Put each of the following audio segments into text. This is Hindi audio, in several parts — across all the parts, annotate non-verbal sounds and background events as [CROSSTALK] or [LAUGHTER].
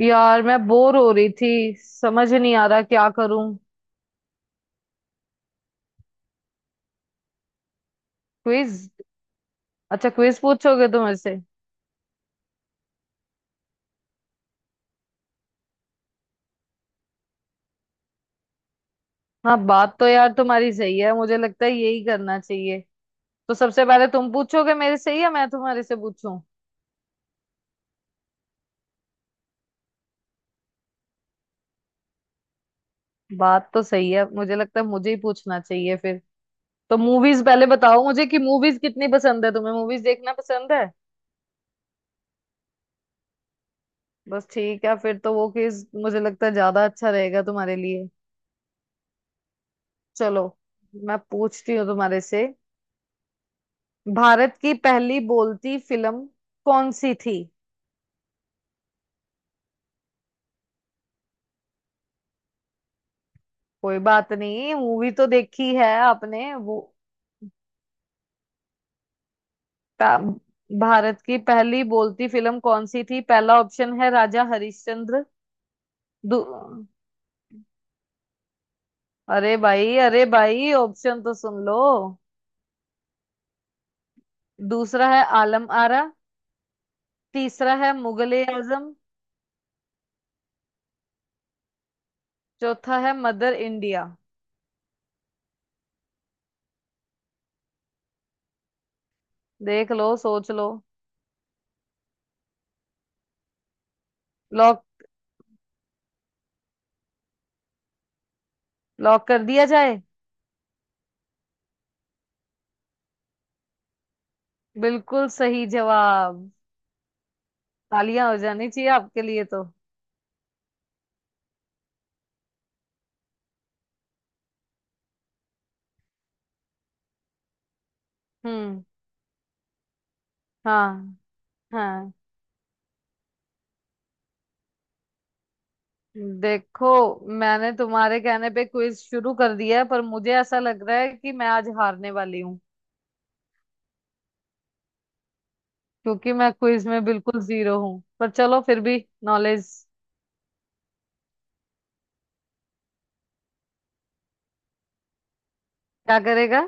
यार मैं बोर हो रही थी। समझ ही नहीं आ रहा क्या करूं। क्विज? अच्छा क्विज पूछोगे तुम मेरे से? हाँ, बात तो यार तुम्हारी सही है, मुझे लगता है यही करना चाहिए। तो सबसे पहले तुम पूछोगे मेरे से या मैं तुम्हारे से पूछूं? बात तो सही है, मुझे लगता है मुझे ही पूछना चाहिए फिर। तो मूवीज पहले बताओ मुझे कि मूवीज कितनी पसंद है तुम्हें, मूवीज देखना पसंद है? बस ठीक है फिर तो वो क्विज मुझे लगता है ज्यादा अच्छा रहेगा तुम्हारे लिए। चलो, मैं पूछती हूँ तुम्हारे से। भारत की पहली बोलती फिल्म कौन सी थी? कोई बात नहीं, मूवी तो देखी है आपने वो। पा- भारत की पहली बोलती फिल्म कौन सी थी? पहला ऑप्शन है राजा हरिश्चंद्र। दू अरे भाई अरे भाई, ऑप्शन तो सुन लो। दूसरा है आलम आरा। तीसरा है मुगल ए आजम। चौथा है मदर इंडिया। देख लो सोच लो। लॉक लॉक कर दिया जाए? बिल्कुल सही जवाब। तालियां हो जानी चाहिए आपके लिए तो। हम्म। हाँ, हाँ। देखो, मैंने तुम्हारे कहने पे क्विज शुरू कर दिया है पर मुझे ऐसा लग रहा है कि मैं आज हारने वाली हूँ। क्योंकि मैं क्विज में बिल्कुल जीरो हूँ, पर चलो फिर भी। नॉलेज। क्या करेगा?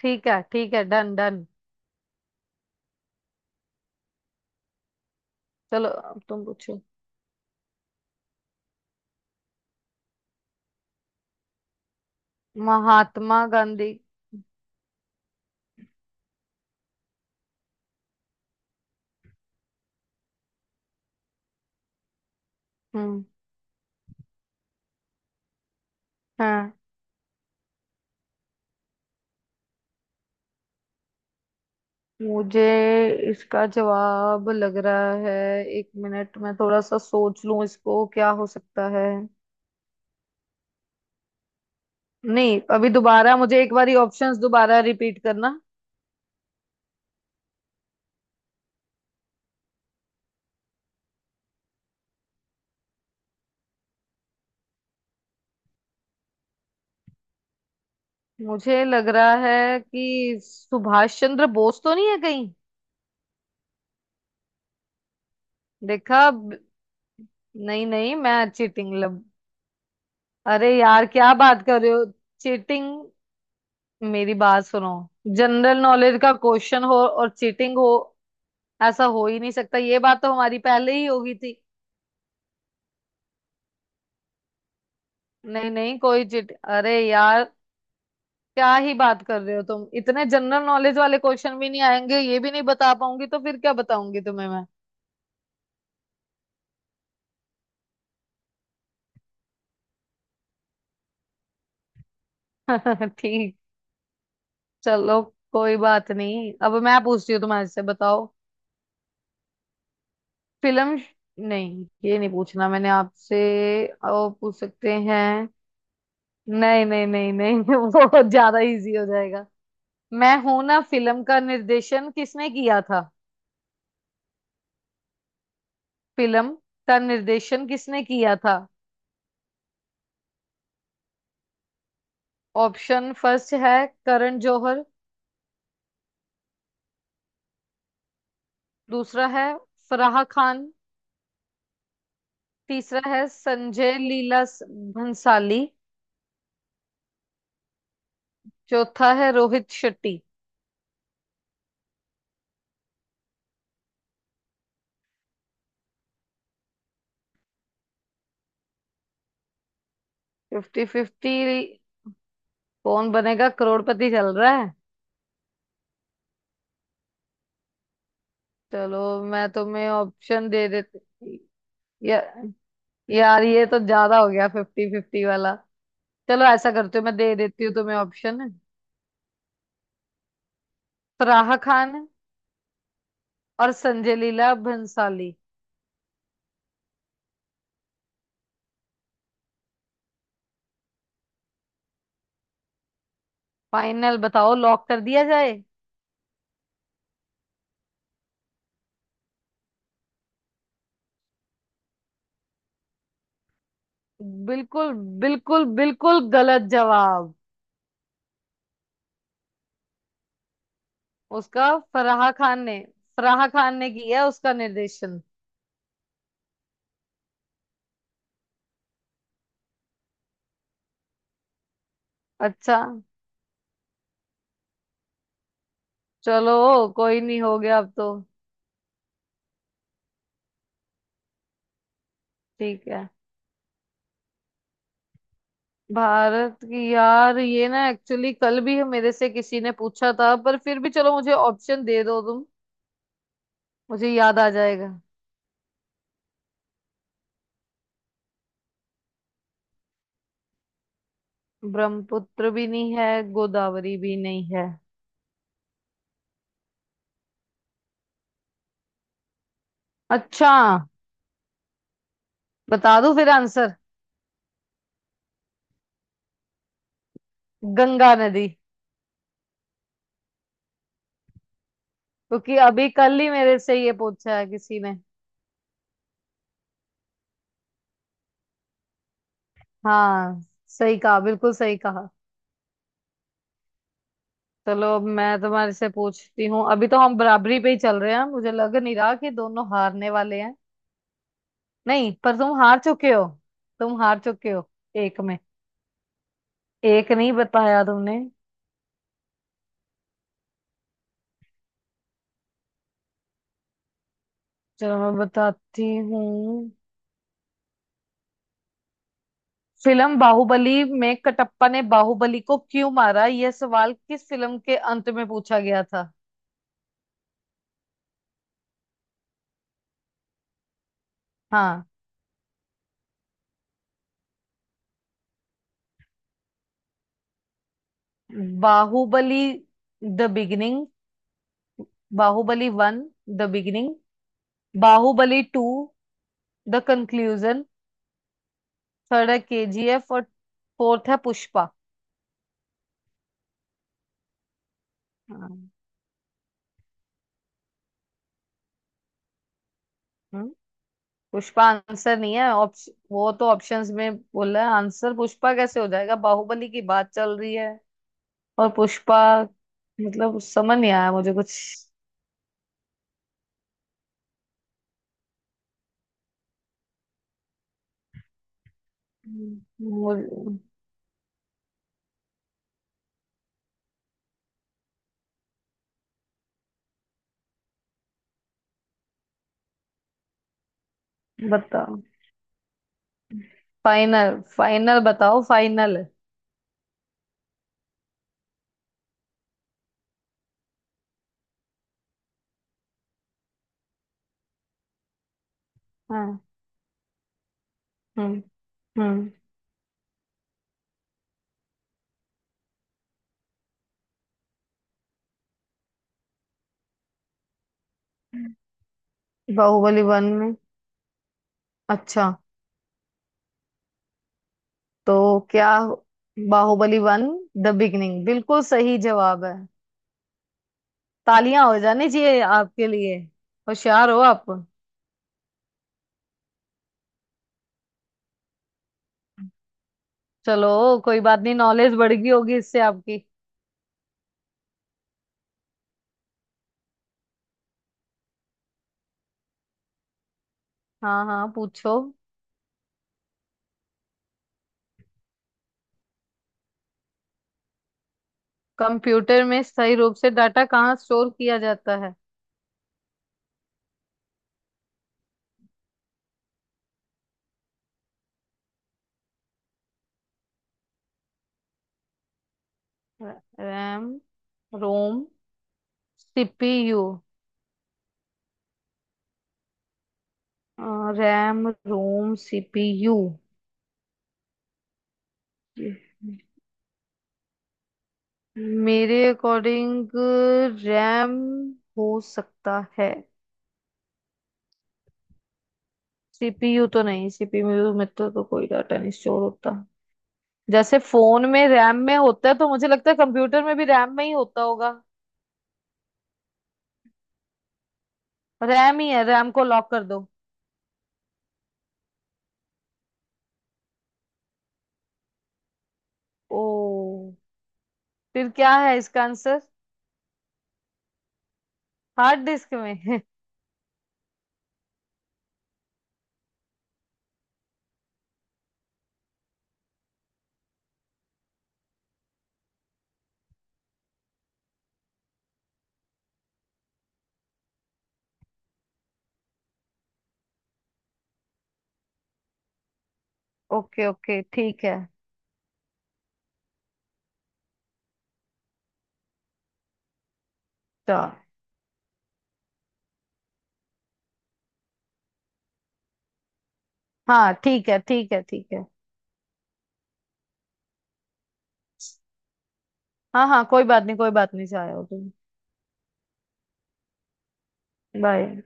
ठीक है ठीक है, डन डन। चलो अब तुम पूछो। महात्मा गांधी। हम्म। हाँ। मुझे इसका जवाब लग रहा है। एक मिनट, मैं थोड़ा सा सोच लूं इसको क्या हो सकता है। नहीं, अभी दोबारा मुझे एक बारी ऑप्शंस दोबारा रिपीट करना। मुझे लग रहा है कि सुभाष चंद्र बोस तो नहीं है कहीं? देखा नहीं नहीं, मैं चीटिंग लब। अरे यार, क्या बात कर रहे हो? चीटिंग! मेरी बात सुनो। जनरल नॉलेज का क्वेश्चन हो और चीटिंग हो, ऐसा हो ही नहीं सकता। ये बात तो हमारी पहले ही होगी थी। नहीं नहीं, कोई चीट। अरे यार, क्या ही बात कर रहे हो तुम। इतने जनरल नॉलेज वाले क्वेश्चन भी नहीं आएंगे, ये भी नहीं बता पाऊंगी तो फिर क्या बताऊंगी तुम्हें। मैं [LAUGHS] ठीक। चलो। कोई बात नहीं, अब मैं पूछती हूँ तुम्हारे से, बताओ। फिल्म। नहीं, ये नहीं पूछना मैंने आपसे। और पूछ सकते हैं। नहीं नहीं नहीं नहीं [LAUGHS] वो ज्यादा इजी हो जाएगा। मैं हूं ना फिल्म का निर्देशन किसने किया था? फिल्म का निर्देशन किसने किया था? ऑप्शन फर्स्ट है करण जौहर। दूसरा है फराह खान। तीसरा है संजय लीला भंसाली। चौथा है रोहित शेट्टी। Fifty fifty? कौन बनेगा करोड़पति चल रहा है? चलो मैं तुम्हें ऑप्शन दे देती। या, यार ये तो ज्यादा हो गया फिफ्टी फिफ्टी वाला। चलो ऐसा करती हूँ, मैं दे देती हूँ तुम्हें ऑप्शन। फराह खान और संजय लीला भंसाली। फाइनल बताओ, लॉक कर दिया जाए? बिल्कुल बिल्कुल बिल्कुल गलत जवाब। उसका फराह खान ने, फराह खान ने किया उसका निर्देशन। अच्छा। चलो कोई नहीं, हो गया अब तो। ठीक है। भारत की, यार ये ना एक्चुअली कल भी मेरे से किसी ने पूछा था, पर फिर भी चलो, मुझे ऑप्शन दे दो तुम। मुझे याद आ जाएगा। ब्रह्मपुत्र भी नहीं है। गोदावरी भी नहीं है। अच्छा। बता दूं फिर आंसर? गंगा नदी। क्योंकि अभी कल ही मेरे से ये पूछा है किसी ने। हाँ सही कहा, बिल्कुल सही कहा। चलो अब मैं तुम्हारे से पूछती हूँ। अभी तो हम बराबरी पे ही चल रहे हैं, मुझे लग नहीं रहा कि दोनों हारने वाले हैं। नहीं, पर तुम हार चुके हो। तुम हार चुके हो। एक में। एक नहीं बताया तुमने। चलो मैं बताती हूँ। फिल्म बाहुबली में कटप्पा ने बाहुबली को क्यों मारा, यह सवाल किस फिल्म के अंत में पूछा गया था? हाँ। Baahubali the beginning, Baahubali one the beginning, Baahubali two the conclusion. Third है केजीएफ और फोर्थ है पुष्पा। हाँ। हम्म, पुष्पा आंसर नहीं है। वो तो ऑप्शंस में बोल रहा है, आंसर पुष्पा कैसे हो जाएगा? बाहुबली की बात चल रही है और पुष्पा? मतलब समझ नहीं आया मुझे कुछ। हम्म, मुझे, बताओ। फाइनल फाइनल बताओ, फाइनल है। हाँ। हम्म। हम्म। बाहुबली वन में? अच्छा। तो क्या बाहुबली वन द बिगिनिंग बिल्कुल सही जवाब है। तालियां हो जानी चाहिए आपके लिए, होशियार हो आप। चलो कोई बात नहीं, नॉलेज बढ़ गई होगी इससे आपकी। हाँ हाँ पूछो। कंप्यूटर में सही रूप से डाटा कहाँ स्टोर किया जाता है? RAM, ROM, CPU. RAM, ROM, CPU. मेरे अकॉर्डिंग रैम हो सकता है। सीपीयू तो नहीं, सीपीयू में तो कोई डाटा नहीं स्टोर होता। जैसे फोन में रैम में होता है तो मुझे लगता है कंप्यूटर में भी रैम में ही होता होगा। रैम ही है, रैम को लॉक कर दो। ओ। फिर क्या है इसका आंसर? हार्ड डिस्क में? [LAUGHS] ओके ओके ठीक है। तो। हाँ ठीक है ठीक है ठीक है। हाँ हाँ कोई बात नहीं, कोई बात नहीं, चाहे हो तुम। बाय।